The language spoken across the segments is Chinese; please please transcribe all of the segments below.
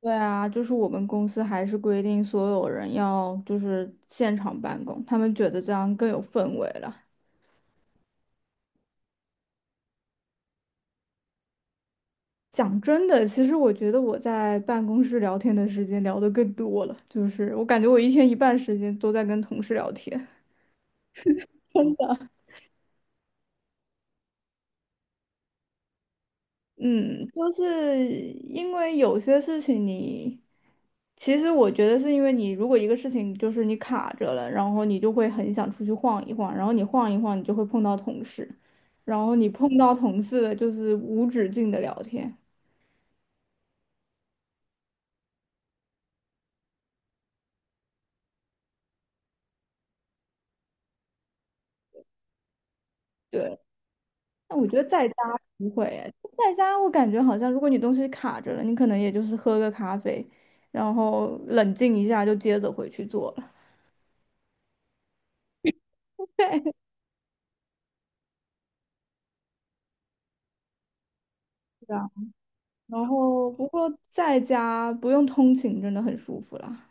对啊，就是我们公司还是规定所有人要就是现场办公，他们觉得这样更有氛围了。讲真的，其实我觉得我在办公室聊天的时间聊得更多了，就是我感觉我一天一半时间都在跟同事聊天。真的。嗯，就是因为有些事情你，其实我觉得是因为你，如果一个事情就是你卡着了，然后你就会很想出去晃一晃，然后你晃一晃，你就会碰到同事，然后你碰到同事的就是无止境的聊天。对，但我觉得在家不会诶，在家我感觉好像如果你东西卡着了，你可能也就是喝个咖啡，然后冷静一下就接着回去做了。对。然后不过在家不用通勤，真的很舒服啦。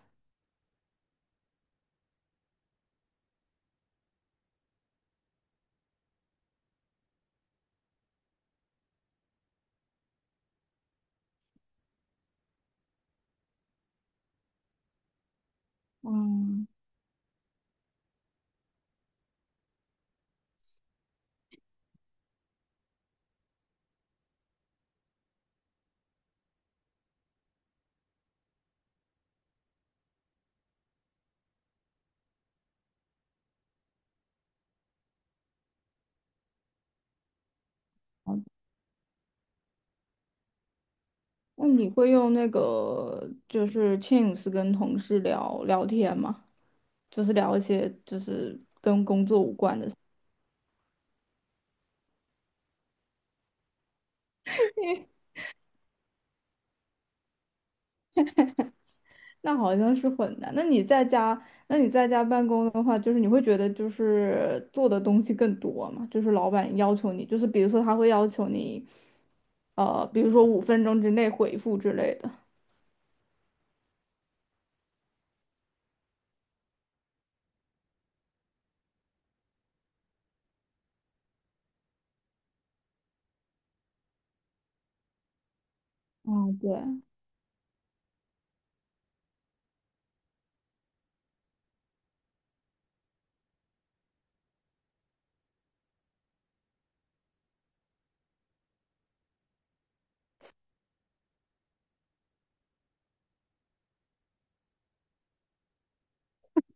嗯，好的。那你会用那个就是 Teams 跟同事聊聊天吗？就是聊一些就是，那好像是混的。那你在家，那你在家办公的话，就是你会觉得就是做的东西更多嘛？就是老板要求你，就是比如说他会要求你，比如说五分钟之内回复之类的。嗯，对，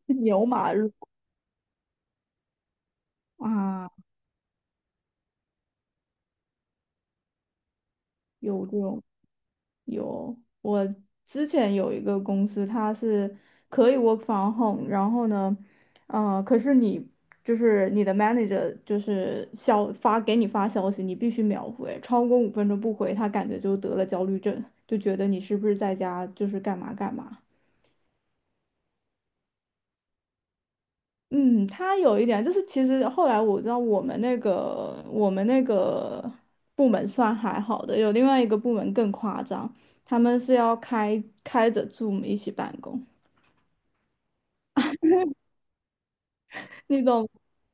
牛马日啊，有这种。有，我之前有一个公司，它是可以 work from home，然后呢，可是你就是你的 manager 就是发给你发消息，你必须秒回，超过五分钟不回，他感觉就得了焦虑症，就觉得你是不是在家就是干嘛干嘛。嗯，他有一点，就是其实后来我知道我们那个部门算还好的，有另外一个部门更夸张，他们是要开着 Zoom 一起办公。那种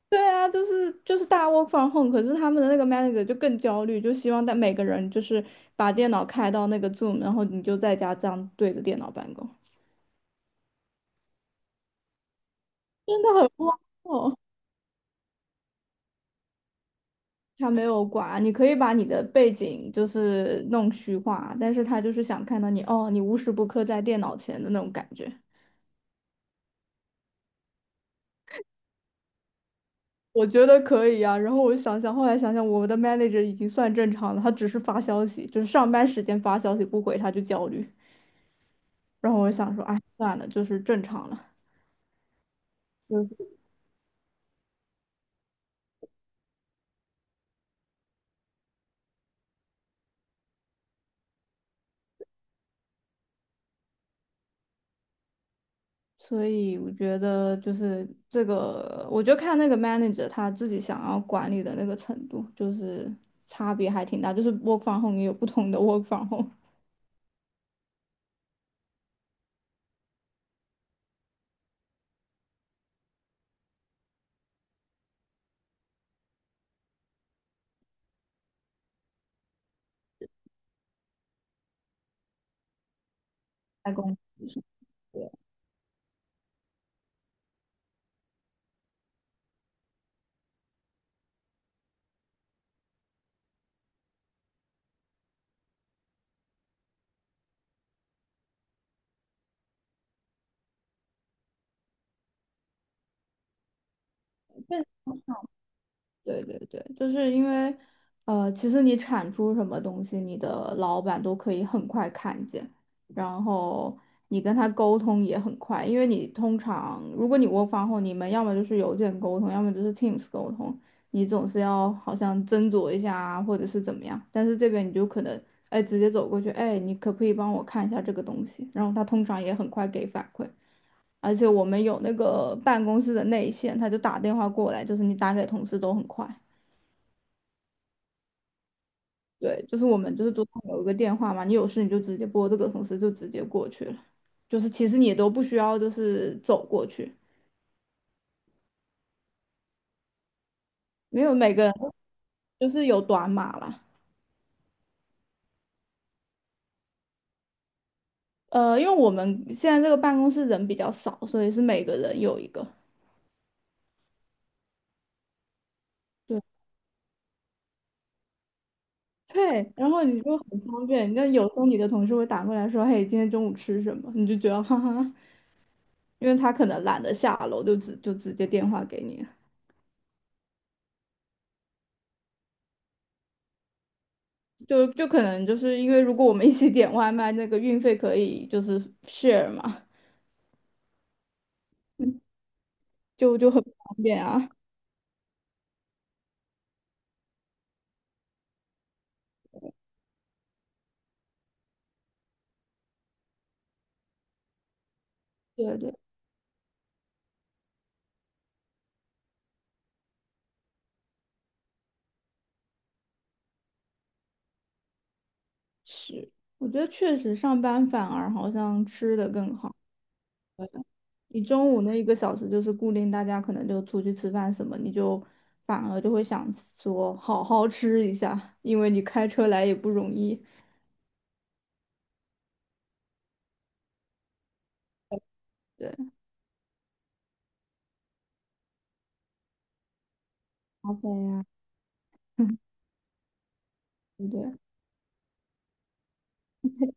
对啊，就是大家 work from home，可是他们的那个 manager 就更焦虑，就希望但每个人就是把电脑开到那个 Zoom，然后你就在家这样对着电脑办公，真的很荒谬。他没有管，你可以把你的背景就是弄虚化，但是他就是想看到你哦，你无时不刻在电脑前的那种感觉。我觉得可以啊，然后我想想，后来想想，我们的 manager 已经算正常了，他只是发消息，就是上班时间发消息不回他就焦虑。然后我想说，哎，算了，就是正常了。所以我觉得就是这个，我就看那个 manager 他自己想要管理的那个程度，就是差别还挺大。就是 work from home 也有不同的 work from home 在公司。对，但对对对，就是因为，其实你产出什么东西，你的老板都可以很快看见，然后你跟他沟通也很快，因为你通常如果你 work from home，你们要么就是邮件沟通，要么就是 Teams 沟通，你总是要好像斟酌一下啊，或者是怎么样，但是这边你就可能，哎，直接走过去，哎，你可不可以帮我看一下这个东西？然后他通常也很快给反馈。而且我们有那个办公室的内线，他就打电话过来，就是你打给同事都很快。对，就是我们就是桌上有一个电话嘛，你有事你就直接拨这个，同事就直接过去了。就是其实你都不需要就是走过去，没有每个人就是有短码啦。因为我们现在这个办公室人比较少，所以是每个人有一个。对对，然后你就很方便。那有时候你的同事会打过来说："嘿，今天中午吃什么？"你就觉得哈哈，因为他可能懒得下楼，就直接电话给你。就可能就是因为如果我们一起点外卖，那个运费可以就是 share 嘛，嗯就很方便啊。对对，是，我觉得确实上班反而好像吃的更好。对的。你中午那1个小时就是固定，大家可能就出去吃饭什么，你就反而就会想说好好吃一下，因为你开车来也不容易。对，好啡呀，对不对？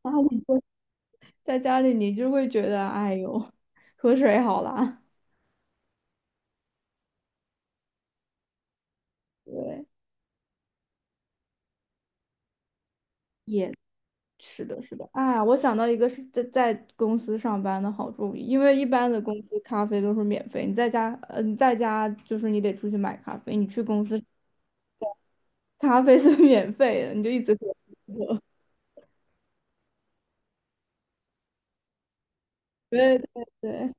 家里就在家里你就会觉得，哎呦，喝水好啦。对。也是的，是的，啊，我想到一个是在公司上班的好处，因为一般的公司咖啡都是免费，你在家，嗯，你在家就是你得出去买咖啡，你去公司咖啡是 免费的，你就一直喝。对对对，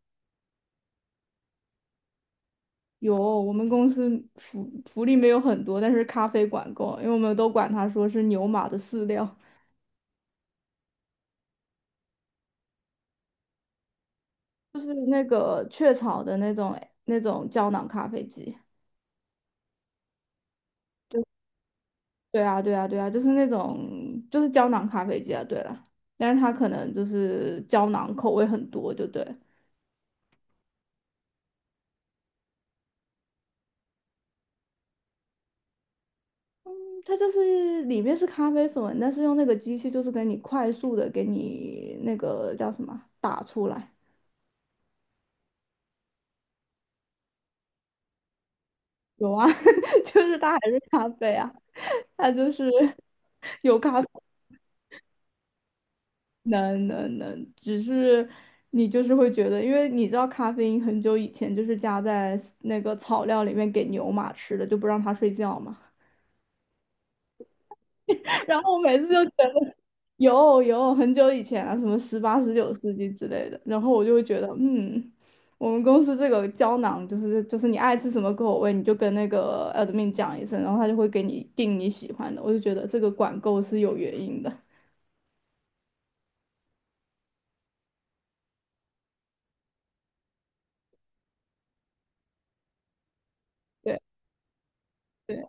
有，我们公司福利没有很多，但是咖啡管够，因为我们都管它说是牛马的饲料，就是那个雀巢的那种胶囊咖啡机。对啊，对啊，对啊，就是那种就是胶囊咖啡机啊，对了，但是它可能就是胶囊口味很多，就对，它就是里面是咖啡粉，但是用那个机器就是给你快速的给你那个叫什么啊打出来，有啊，就是它还是咖啡啊，它就是有咖啡，能能能，只是你就是会觉得，因为你知道咖啡因很久以前就是加在那个草料里面给牛马吃的，就不让它睡觉嘛。然后我每次就觉得有很久以前啊，什么18、19世纪之类的，然后我就会觉得，嗯，我们公司这个胶囊就是你爱吃什么口味，你就跟那个 admin 讲一声，然后他就会给你订你喜欢的。我就觉得这个管够是有原因的，对对，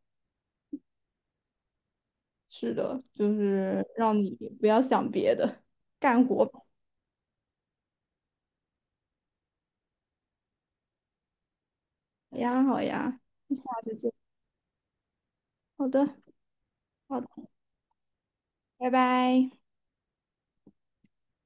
是的，就是让你不要想别的，干活吧。好呀好呀，下次见。好的好的，拜拜。